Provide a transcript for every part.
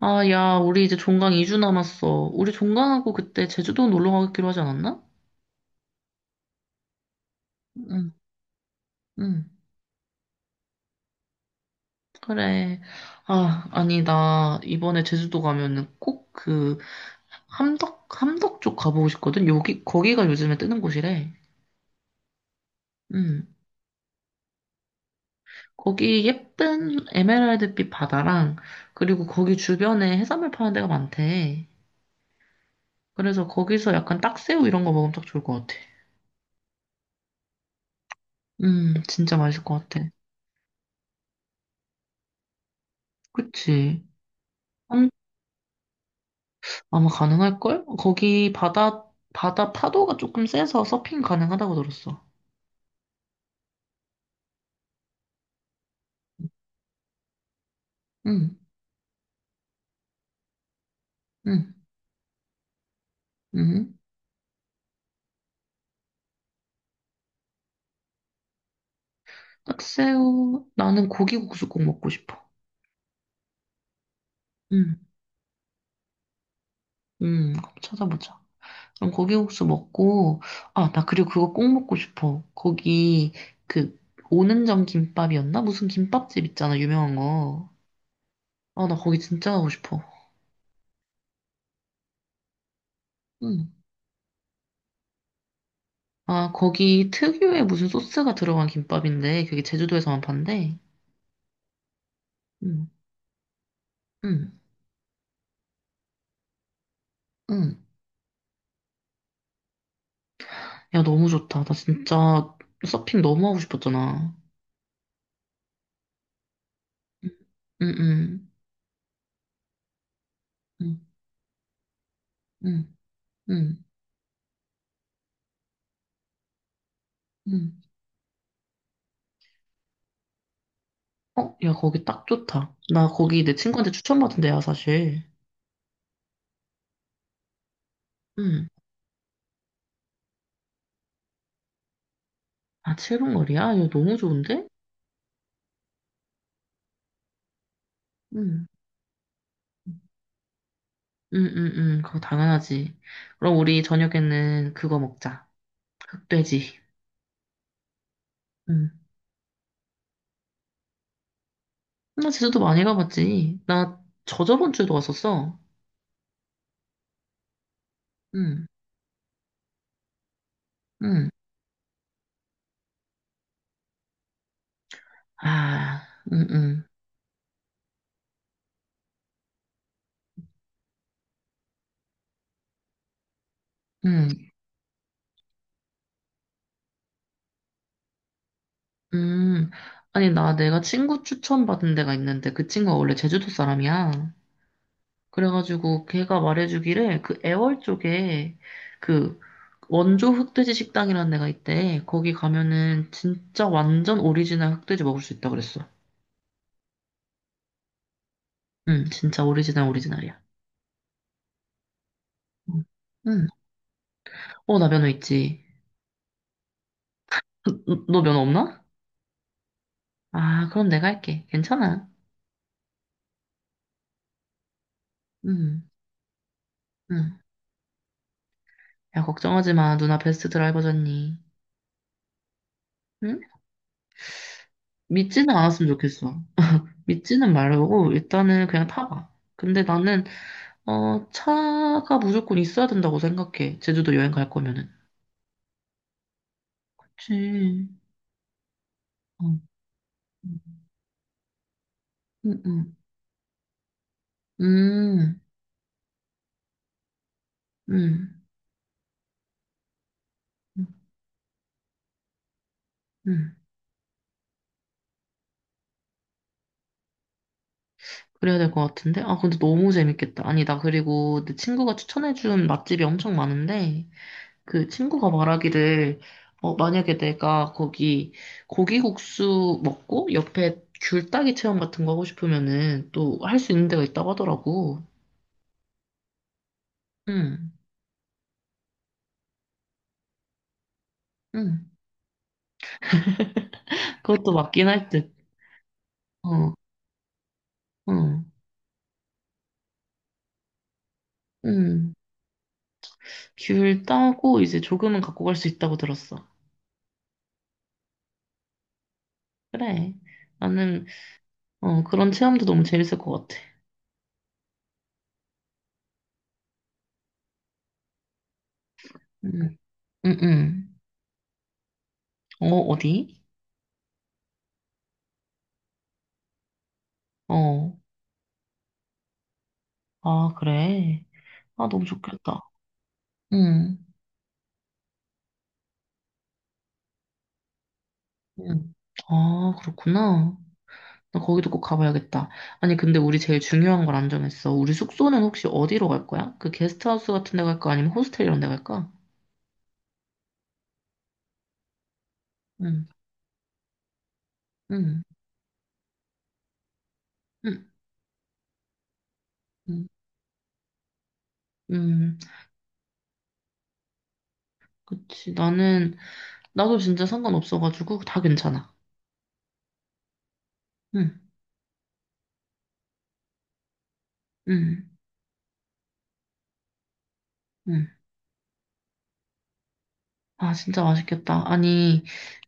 아, 야, 우리 이제 종강 2주 남았어. 우리 종강하고 그때 제주도 놀러 가기로 하지 않았나? 응, 응, 그래. 아, 아니, 나 이번에 제주도 가면은 꼭 그, 함덕 쪽 가보고 싶거든? 거기가 요즘에 뜨는 곳이래. 응. 거기 예쁜 에메랄드빛 바다랑, 그리고 거기 주변에 해산물 파는 데가 많대. 그래서 거기서 약간 딱새우 이런 거 먹으면 딱 좋을 것 같아. 진짜 맛있을 것 같아. 그치? 아마 가능할걸? 거기 바다 파도가 조금 세서 서핑 가능하다고 들었어. 응, 응, 응. 딱새우, 나는 고기국수 꼭 먹고 싶어. 응, 응, 그럼 찾아보자. 그럼 고기국수 먹고, 아, 나 그리고 그거 꼭 먹고 싶어. 거기, 그, 오는정 김밥이었나? 무슨 김밥집 있잖아, 유명한 거. 아, 나 거기 진짜 가고 싶어. 응. 아, 거기 특유의 무슨 소스가 들어간 김밥인데, 그게 제주도에서만 판대. 응, 응, 응. 야, 너무 좋다. 나 진짜 서핑 너무 하고 싶었잖아. 응, 응, 응, 응, 응, 응. 어, 야, 거기 딱 좋다. 나 거기 내 친구한테 추천받은 데야, 사실. 응. 아, 7분 거리야? 야, 너무 좋은데? 응, 응, 응, 응. 그거 당연하지. 그럼 우리 저녁에는 그거 먹자. 흑돼지. 응. 나 제주도 많이 가봤지. 나 저저번 주에도 왔었어. 응, 응. 아, 응, 응, 응. 음, 아니, 나 내가 친구 추천받은 데가 있는데 그 친구가 원래 제주도 사람이야. 그래가지고 걔가 말해주기를 그 애월 쪽에 그 원조 흑돼지 식당이라는 데가 있대. 거기 가면은 진짜 완전 오리지널 흑돼지 먹을 수 있다 그랬어. 응, 진짜 오리지널 오리지널이야. 응, 응. 어, 나 면허 있지. 너 면허 없나? 아, 그럼 내가 할게. 괜찮아. 응, 응. 야, 걱정하지 마. 누나 베스트 드라이버잖니. 응? 믿지는 않았으면 좋겠어. 믿지는 말고 일단은 그냥 타봐. 근데 나는 어 차가 무조건 있어야 된다고 생각해. 제주도 여행 갈 거면은. 그치. 어. 음, 음, 음, 음, 음. 음. 그래야 될 것 같은데? 아, 근데 너무 재밌겠다. 아니, 나 그리고 내 친구가 추천해준 맛집이 엄청 많은데, 그 친구가 말하기를, 어, 만약에 내가 거기 고기국수 먹고 옆에 귤따기 체험 같은 거 하고 싶으면은 또 할 수 있는 데가 있다고 하더라고. 응, 응. 그것도 맞긴 할 듯. 어, 응, 응. 귤 따고 이제 조금은 갖고 갈 수 있다고 들었어. 그래. 나는, 어, 그런 체험도 너무 재밌을 것 같아. 응, 응, 응. 어, 어디? 어, 아, 그래. 아, 너무 좋겠다. 응, 응. 아, 그렇구나. 나 거기도 꼭 가봐야겠다. 아니, 근데 우리 제일 중요한 걸 안 정했어. 우리 숙소는 혹시 어디로 갈 거야? 그 게스트하우스 같은 데 갈까? 아니면 호스텔 이런 데 갈까? 응, 응, 응. 응. 음, 그치. 나는, 나도 진짜 상관없어가지고 다 괜찮아. 응, 응, 응. 아, 진짜 맛있겠다. 아니,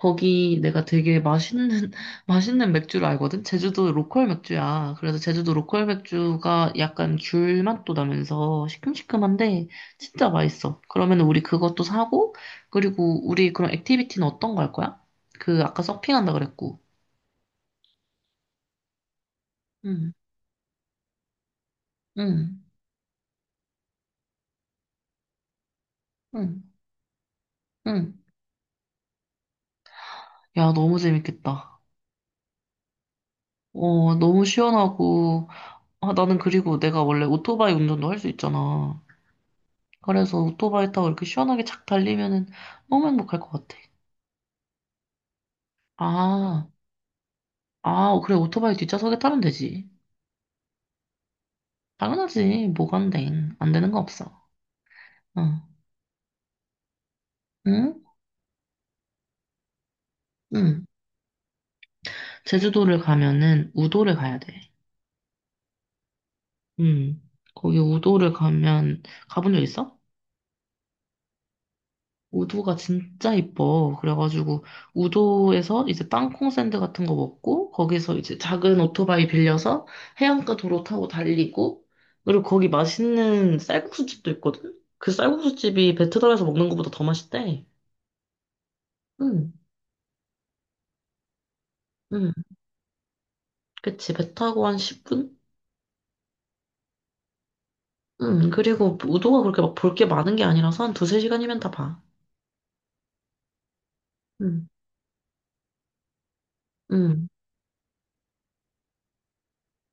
거기 내가 되게 맛있는, 맛있는 맥주를 알거든? 제주도 로컬 맥주야. 그래서 제주도 로컬 맥주가 약간 귤 맛도 나면서 시큼시큼한데 진짜 맛있어. 그러면 우리 그것도 사고, 그리고 우리 그런 액티비티는 어떤 거 할 거야? 그 아까 서핑한다 그랬고. 응, 응, 응, 응. 야, 너무 재밌겠다. 어, 너무 시원하고, 아, 나는 그리고 내가 원래 오토바이 운전도 할 수 있잖아. 그래서 오토바이 타고 이렇게 시원하게 착 달리면은 너무 행복할 것 같아. 아, 아, 그래, 오토바이 뒷좌석에 타면 되지. 당연하지, 뭐가 안 돼. 안 되는 거 없어. 응, 응, 응. 제주도를 가면은 우도를 가야 돼. 응. 거기 우도를 가면, 가본 적 있어? 우도가 진짜 이뻐. 그래가지고 우도에서 이제 땅콩 샌드 같은 거 먹고 거기서 이제 작은 오토바이 빌려서 해안가 도로 타고 달리고 그리고 거기 맛있는 쌀국수집도 있거든. 그 쌀국수집이 배에서 먹는 것보다 더 맛있대. 응, 응, 그치. 배 타고 한 10분? 응, 그리고 우도가 그렇게 막 볼 게 많은 게 아니라서 한 두세 시간이면 다 봐. 응, 응,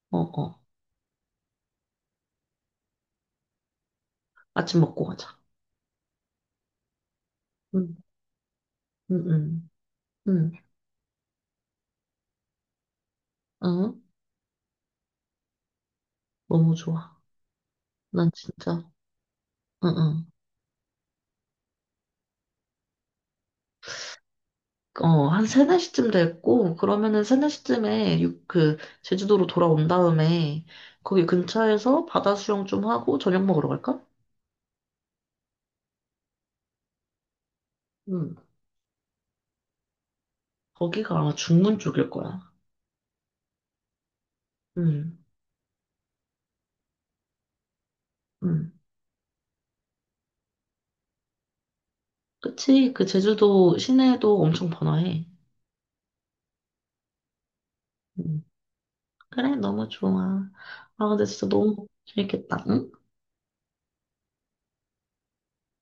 어, 어. 아침 먹고 가자. 응, 응, 응, 응, 어, 너무 좋아. 난 진짜 응, 응. 어, 한 세네 시쯤 됐고, 그러면은 세네 시쯤에 제주도로 돌아온 다음에, 거기 근처에서 바다 수영 좀 하고 저녁 먹으러 갈까? 응. 거기가 아마 중문 쪽일 거야. 응, 응. 그치? 그 제주도 시내도 엄청 번화해. 응. 그래, 너무 좋아. 아, 근데 진짜 너무 재밌겠다. 응?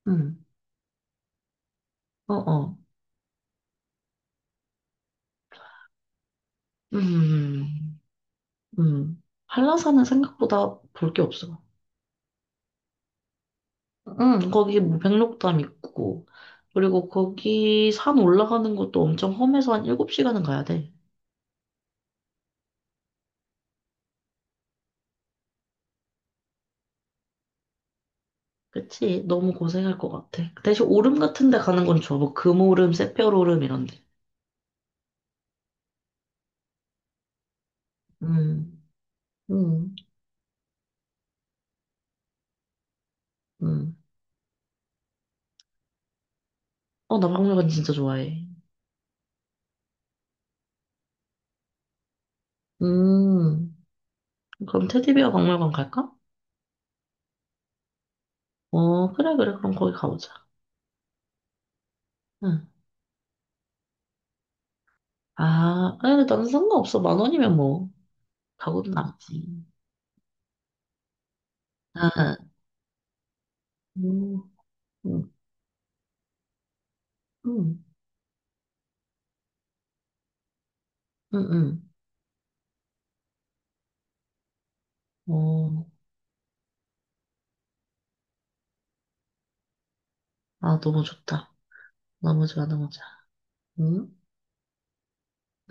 응. 어, 어. 음, 음. 한라산은 생각보다 볼 게 없어. 응, 거기 뭐 백록담 있고, 그리고 거기 산 올라가는 것도 엄청 험해서 한 7시간은 가야 돼. 그치? 너무 고생할 것 같아. 대신 오름 같은 데 가는 건 좋아. 뭐 금오름, 새별오름 이런 데. 음, 음, 음. 어, 나 박물관 진짜 좋아해. 음, 그럼 테디베어 박물관 갈까? 어, 그래, 그래. 그럼 거기 가보자. 응. 아, 아니, 근데 나는 상관없어. 만 원이면 뭐, 가고도 남지. 아, 음, 음, 음, 음, 음. 어, 아, 너무 좋다. 너무 좋아, 너무 좋아. 응?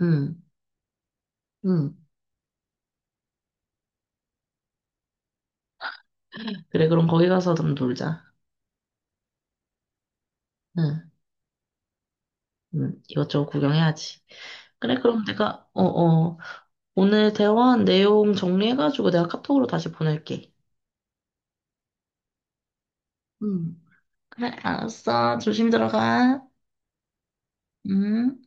응, 응. 그래, 그럼 거기 가서 좀 놀자. 응, 응. 이것저것 구경해야지. 그래, 그럼 내가, 어, 어. 오늘 대화한 내용 정리해가지고 내가 카톡으로 다시 보낼게. 응. 그래, 알았어. 조심히 들어가. 응?